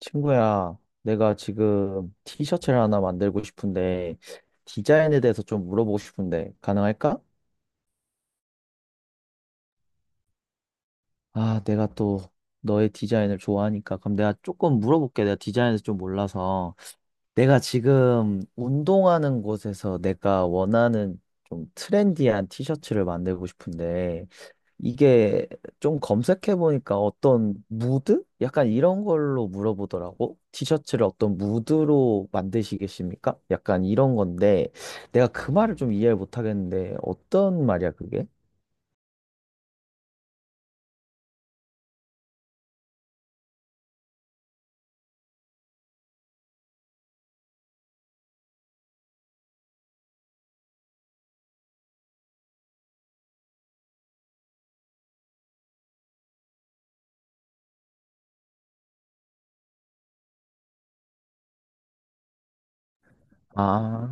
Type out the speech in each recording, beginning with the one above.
친구야, 내가 지금 티셔츠를 하나 만들고 싶은데, 디자인에 대해서 좀 물어보고 싶은데, 가능할까? 아, 내가 또 너의 디자인을 좋아하니까. 그럼 내가 조금 물어볼게. 내가 디자인에서 좀 몰라서. 내가 지금 운동하는 곳에서 내가 원하는 좀 트렌디한 티셔츠를 만들고 싶은데, 이게 좀 검색해보니까 어떤 무드? 약간 이런 걸로 물어보더라고. 티셔츠를 어떤 무드로 만드시겠습니까? 약간 이런 건데, 내가 그 말을 좀 이해를 못하겠는데, 어떤 말이야, 그게? 아,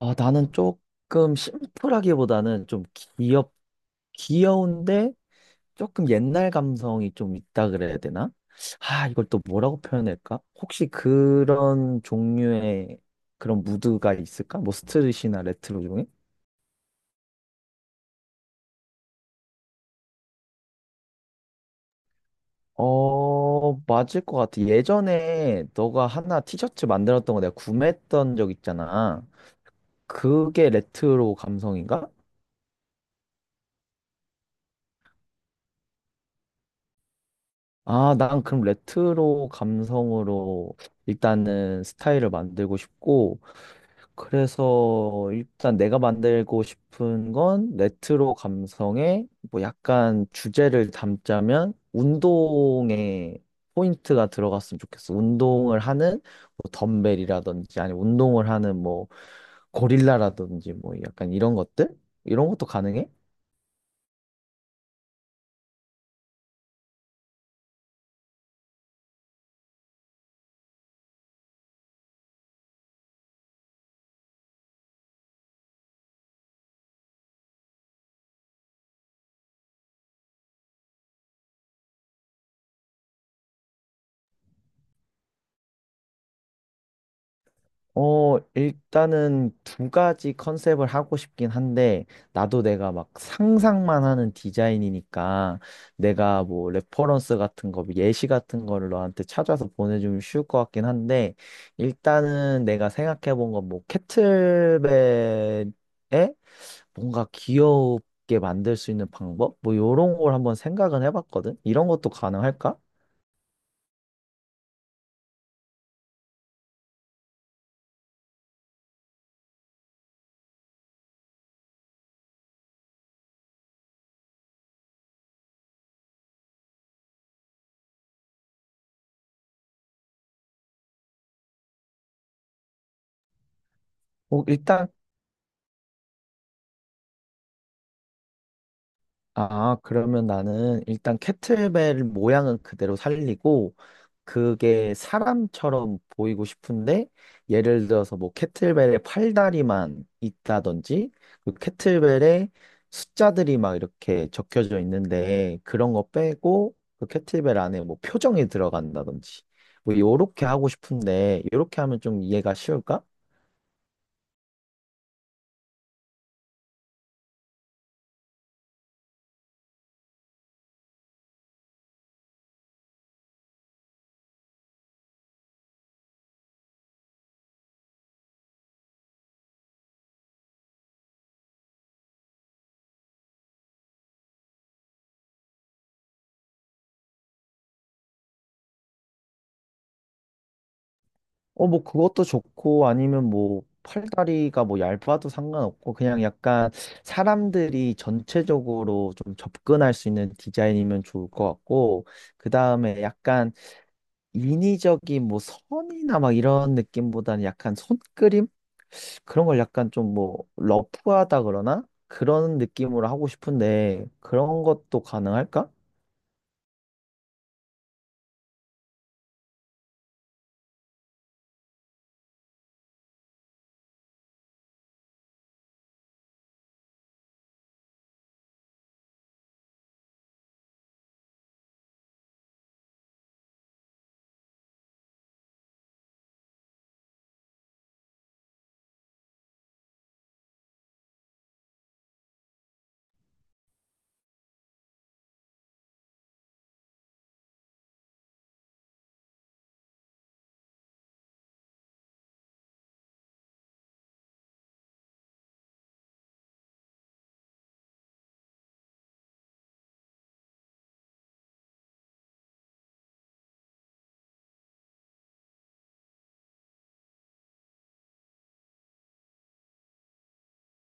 아, 나는 조금 심플하기보다는 좀 귀엽, 귀여운데, 조금 옛날 감성이 좀 있다 그래야 되나? 아, 이걸 또 뭐라고 표현할까? 혹시 그런 종류의 그런 무드가 있을까? 뭐 스트릿이나 레트로 중에? 어, 맞을 것 같아. 예전에 너가 하나 티셔츠 만들었던 거 내가 구매했던 적 있잖아. 그게 레트로 감성인가? 아, 난 그럼 레트로 감성으로 일단은 스타일을 만들고 싶고, 그래서 일단 내가 만들고 싶은 건 레트로 감성에 뭐 약간 주제를 담자면 운동에 포인트가 들어갔으면 좋겠어. 운동을 하는 뭐 덤벨이라든지 아니 운동을 하는 뭐 고릴라라든지 뭐 약간 이런 것들? 이런 것도 가능해? 어, 일단은 두 가지 컨셉을 하고 싶긴 한데, 나도 내가 막 상상만 하는 디자인이니까, 내가 뭐 레퍼런스 같은 거, 뭐 예시 같은 거를 너한테 찾아서 보내주면 쉬울 것 같긴 한데, 일단은 내가 생각해 본 건 뭐, 캐틀벨에 뭔가 귀엽게 만들 수 있는 방법? 뭐, 요런 걸 한번 생각은 해봤거든? 이런 것도 가능할까? 뭐, 일단 아, 그러면 나는 일단 캐틀벨 모양은 그대로 살리고, 그게 사람처럼 보이고 싶은데, 예를 들어서 뭐 캐틀벨의 팔다리만 있다든지, 그 캐틀벨에 숫자들이 막 이렇게 적혀져 있는데, 그런 거 빼고, 그 캐틀벨 안에 뭐 표정이 들어간다든지, 뭐 요렇게 하고 싶은데, 요렇게 하면 좀 이해가 쉬울까? 어, 뭐, 그것도 좋고, 아니면 뭐, 팔다리가 뭐, 얇아도 상관없고, 그냥 약간 사람들이 전체적으로 좀 접근할 수 있는 디자인이면 좋을 것 같고, 그 다음에 약간 인위적인 뭐, 선이나 막 이런 느낌보다는 약간 손그림? 그런 걸 약간 좀 뭐, 러프하다 그러나? 그런 느낌으로 하고 싶은데, 그런 것도 가능할까?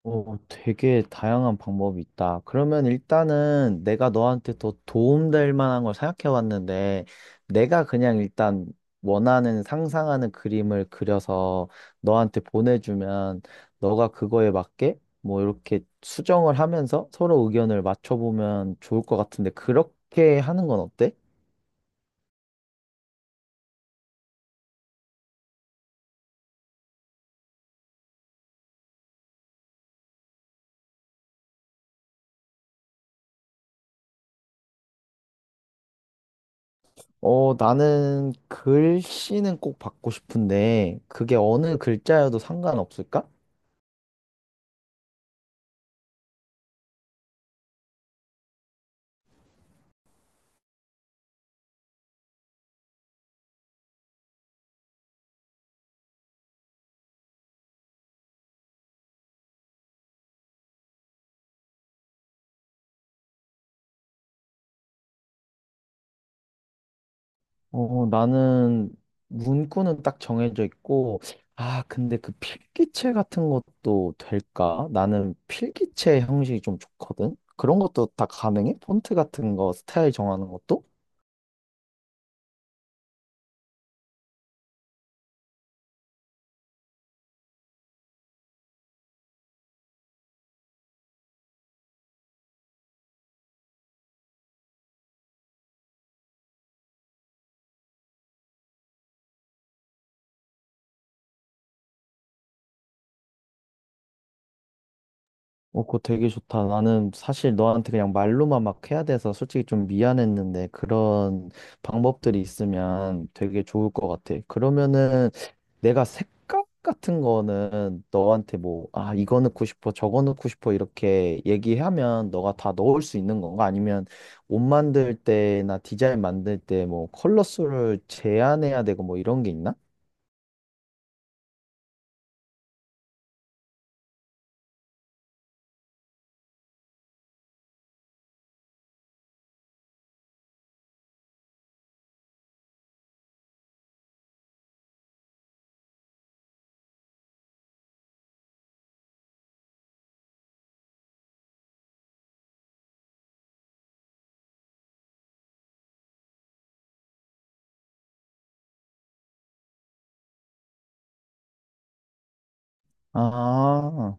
오, 되게 다양한 방법이 있다. 그러면 일단은 내가 너한테 더 도움될 만한 걸 생각해 왔는데, 내가 그냥 일단 원하는 상상하는 그림을 그려서 너한테 보내주면, 너가 그거에 맞게 뭐 이렇게 수정을 하면서 서로 의견을 맞춰보면 좋을 것 같은데, 그렇게 하는 건 어때? 어, 나는 글씨는 꼭 받고 싶은데, 그게 어느 글자여도 상관없을까? 어, 나는 문구는 딱 정해져 있고, 아, 근데 그 필기체 같은 것도 될까? 나는 필기체 형식이 좀 좋거든? 그런 것도 다 가능해? 폰트 같은 거, 스타일 정하는 것도? 어, 그거 되게 좋다. 나는 사실 너한테 그냥 말로만 막 해야 돼서 솔직히 좀 미안했는데 그런 방법들이 있으면 되게 좋을 것 같아. 그러면은 내가 색깔 같은 거는 너한테 뭐, 아, 이거 넣고 싶어, 저거 넣고 싶어 이렇게 얘기하면 너가 다 넣을 수 있는 건가? 아니면 옷 만들 때나 디자인 만들 때 뭐 컬러 수를 제한해야 되고 뭐 이런 게 있나? 아.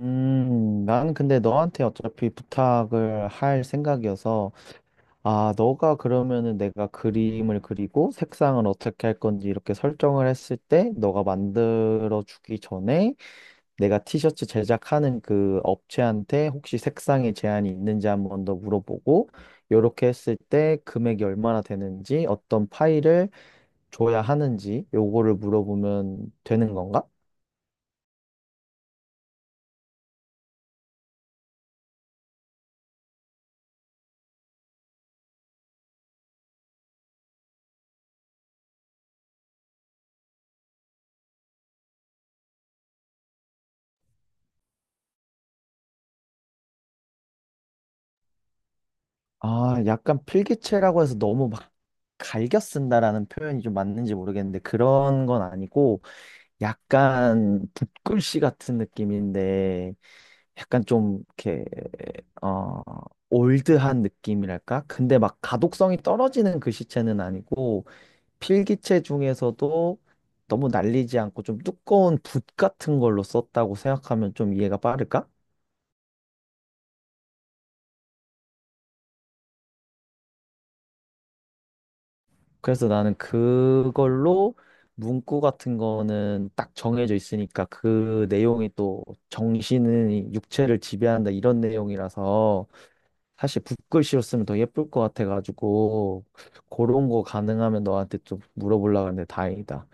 나는 근데 너한테 어차피 부탁을 할 생각이어서, 아, 너가 그러면은 내가 그림을 그리고 색상을 어떻게 할 건지 이렇게 설정을 했을 때, 너가 만들어 주기 전에 내가 티셔츠 제작하는 그 업체한테 혹시 색상에 제한이 있는지 한번 더 물어보고, 요렇게 했을 때 금액이 얼마나 되는지, 어떤 파일을 줘야 하는지, 요거를 물어보면 되는 건가? 아, 약간 필기체라고 해서 너무 막 갈겨 쓴다라는 표현이 좀 맞는지 모르겠는데 그런 건 아니고 약간 붓글씨 같은 느낌인데 약간 좀 이렇게 어 올드한 느낌이랄까? 근데 막 가독성이 떨어지는 글씨체는 아니고 필기체 중에서도 너무 날리지 않고 좀 두꺼운 붓 같은 걸로 썼다고 생각하면 좀 이해가 빠를까? 그래서 나는 그걸로 문구 같은 거는 딱 정해져 있으니까 그 내용이 또 정신은 육체를 지배한다 이런 내용이라서 사실 붓글씨로 쓰면 더 예쁠 것 같아가지고 그런 거 가능하면 너한테 좀 물어보려고 하는데 다행이다.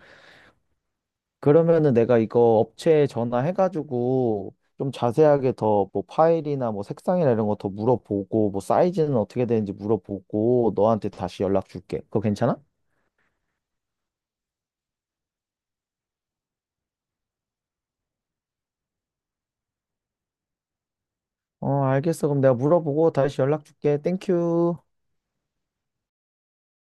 그러면은 내가 이거 업체에 전화해가지고 좀 자세하게 더 뭐 파일이나 뭐 색상이나 이런 거 더 물어보고 뭐 사이즈는 어떻게 되는지 물어보고 너한테 다시 연락 줄게. 그거 괜찮아? 어, 알겠어. 그럼 내가 물어보고 다시 연락 줄게. 땡큐.